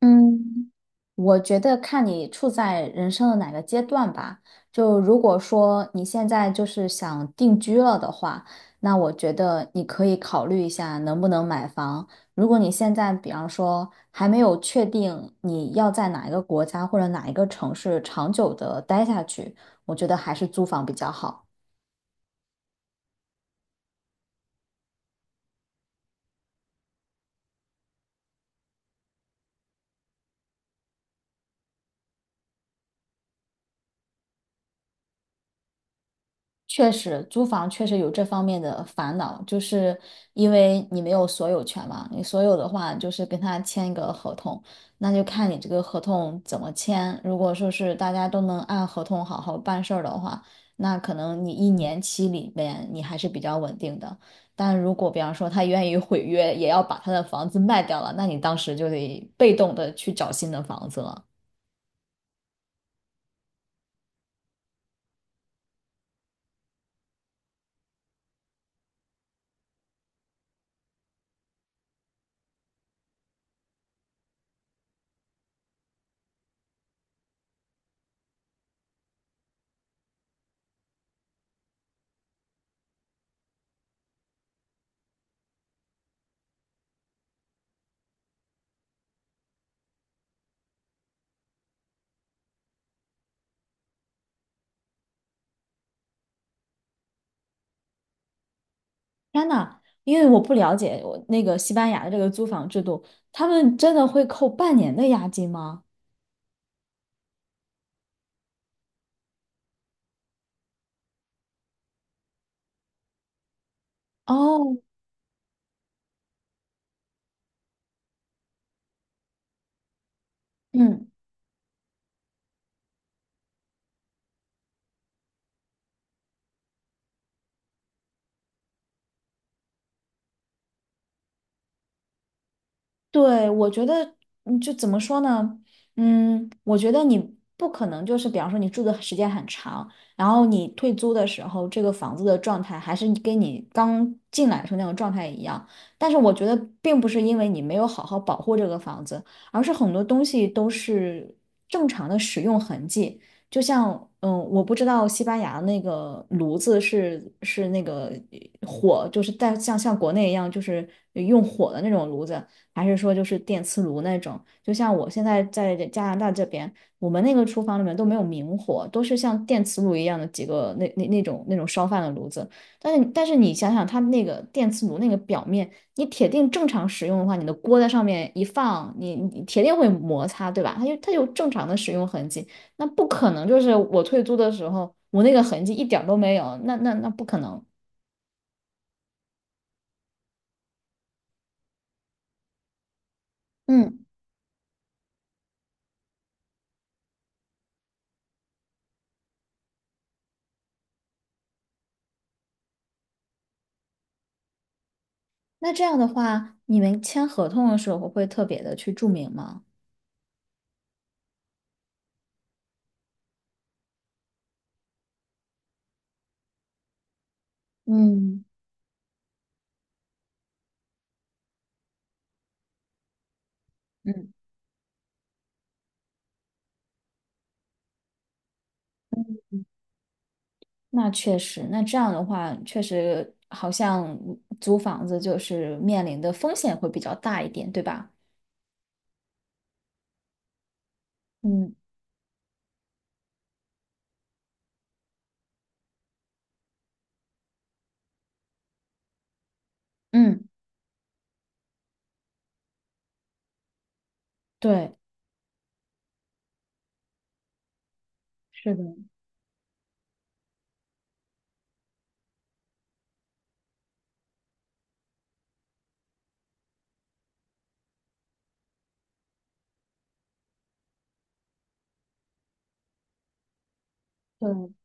嗯，我觉得看你处在人生的哪个阶段吧。就如果说你现在就是想定居了的话，那我觉得你可以考虑一下能不能买房。如果你现在比方说还没有确定你要在哪一个国家或者哪一个城市长久的待下去，我觉得还是租房比较好。确实，租房确实有这方面的烦恼，就是因为你没有所有权嘛。你所有的话，就是跟他签一个合同，那就看你这个合同怎么签。如果说是大家都能按合同好好办事儿的话，那可能你一年期里面你还是比较稳定的。但如果比方说他愿意毁约，也要把他的房子卖掉了，那你当时就得被动的去找新的房子了。天呐，因为我不了解我那个西班牙的这个租房制度，他们真的会扣半年的押金吗？哦，嗯。对，我觉得，就怎么说呢？我觉得你不可能就是，比方说你住的时间很长，然后你退租的时候，这个房子的状态还是你跟你刚进来的时候那种状态一样。但是我觉得，并不是因为你没有好好保护这个房子，而是很多东西都是正常的使用痕迹。就像，我不知道西班牙那个炉子是那个火，就是带像国内一样，就是用火的那种炉子。还是说就是电磁炉那种？就像我现在在加拿大这边，我们那个厨房里面都没有明火，都是像电磁炉一样的几个那种烧饭的炉子。但是你想想，它那个电磁炉那个表面，你铁定正常使用的话，你的锅在上面一放，你铁定会摩擦，对吧？它就它有正常的使用痕迹，那不可能就是我退租的时候，我那个痕迹一点儿都没有，那不可能。嗯，那这样的话，你们签合同的时候会特别的去注明吗？嗯嗯，那确实，那这样的话，确实好像租房子就是面临的风险会比较大一点，对吧？嗯嗯，对，是的，对。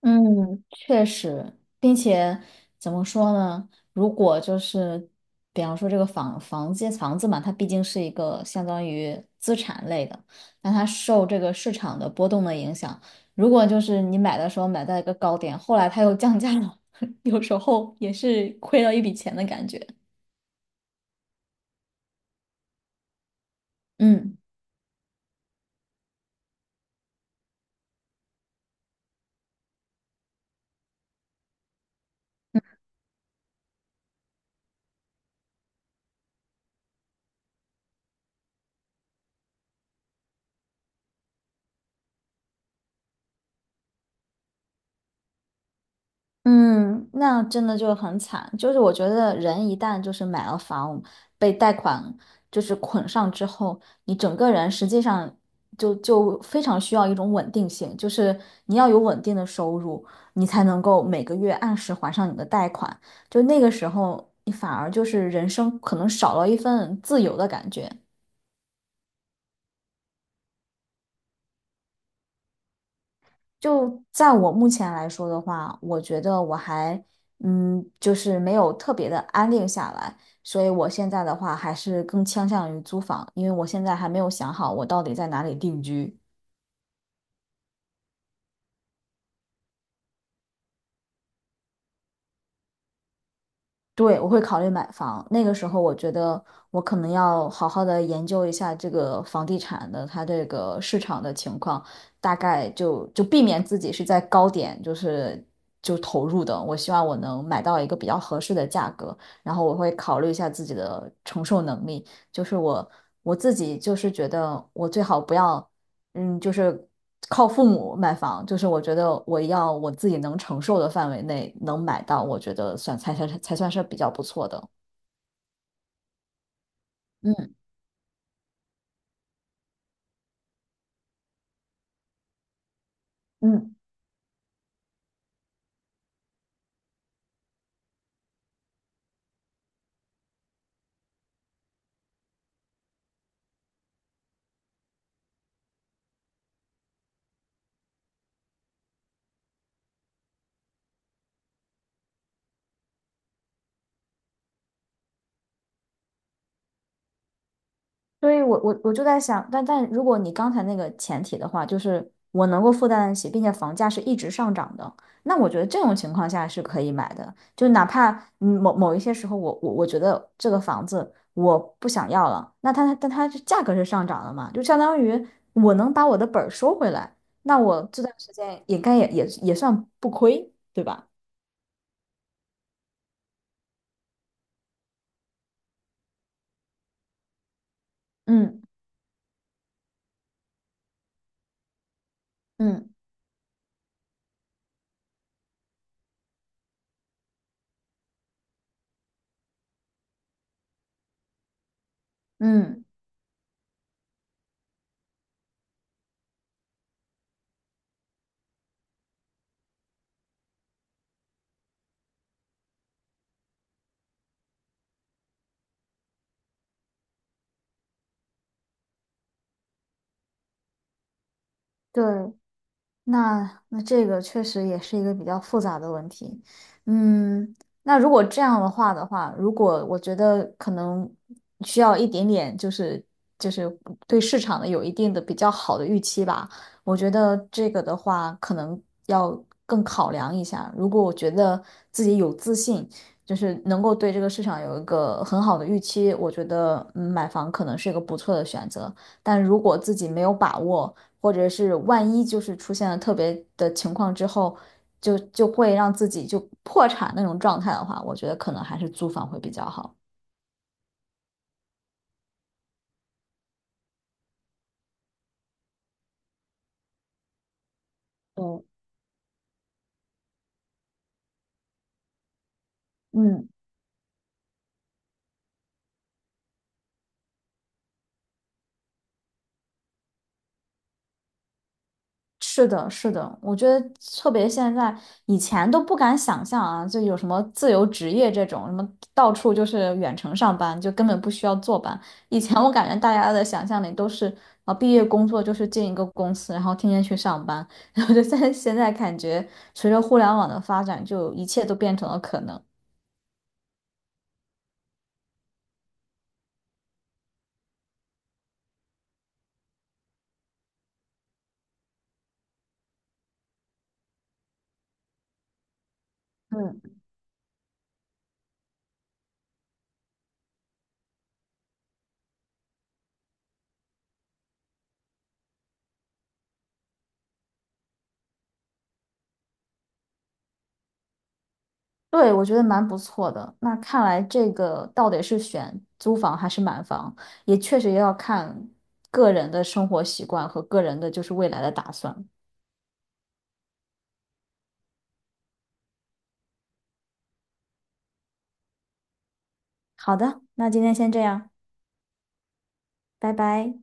嗯，确实，并且怎么说呢？如果就是，比方说这个房子嘛，它毕竟是一个相当于资产类的，那它受这个市场的波动的影响，如果就是你买的时候买在一个高点，后来它又降价了，有时候也是亏了一笔钱的感觉。嗯。嗯，那真的就很惨。就是我觉得人一旦就是买了房，被贷款就是捆上之后，你整个人实际上就非常需要一种稳定性，就是你要有稳定的收入，你才能够每个月按时还上你的贷款。就那个时候，你反而就是人生可能少了一份自由的感觉。就在我目前来说的话，我觉得我还，就是没有特别的安定下来，所以我现在的话还是更倾向于租房，因为我现在还没有想好我到底在哪里定居。对，我会考虑买房。那个时候，我觉得我可能要好好的研究一下这个房地产的它这个市场的情况，大概就避免自己是在高点，就是就投入的。我希望我能买到一个比较合适的价格，然后我会考虑一下自己的承受能力。就是我自己就是觉得我最好不要。就是靠父母买房，就是我觉得我要我自己能承受的范围内能买到，我觉得算才算是比较不错的。嗯嗯。所以我就在想，但如果你刚才那个前提的话，就是我能够负担得起，并且房价是一直上涨的，那我觉得这种情况下是可以买的。就哪怕某一些时候我觉得这个房子我不想要了，但它是价格是上涨了嘛，就相当于我能把我的本儿收回来，那我这段时间也该也也也算不亏，对吧？嗯嗯嗯，对，那这个确实也是一个比较复杂的问题，嗯，那如果这样的话，如果我觉得可能需要一点点，就是对市场的有一定的比较好的预期吧，我觉得这个的话可能要更考量一下。如果我觉得自己有自信，就是能够对这个市场有一个很好的预期，我觉得买房可能是一个不错的选择。但如果自己没有把握，或者是万一就是出现了特别的情况之后，就会让自己就破产那种状态的话，我觉得可能还是租房会比较好。嗯。嗯。是的，是的，我觉得特别现在，以前都不敢想象啊，就有什么自由职业这种，什么到处就是远程上班，就根本不需要坐班。以前我感觉大家的想象里都是啊，毕业工作就是进一个公司，然后天天去上班。然后就现在感觉，随着互联网的发展，就一切都变成了可能。嗯。对，我觉得蛮不错的。那看来这个到底是选租房还是买房，也确实要看个人的生活习惯和个人的就是未来的打算。好的，那今天先这样，拜拜。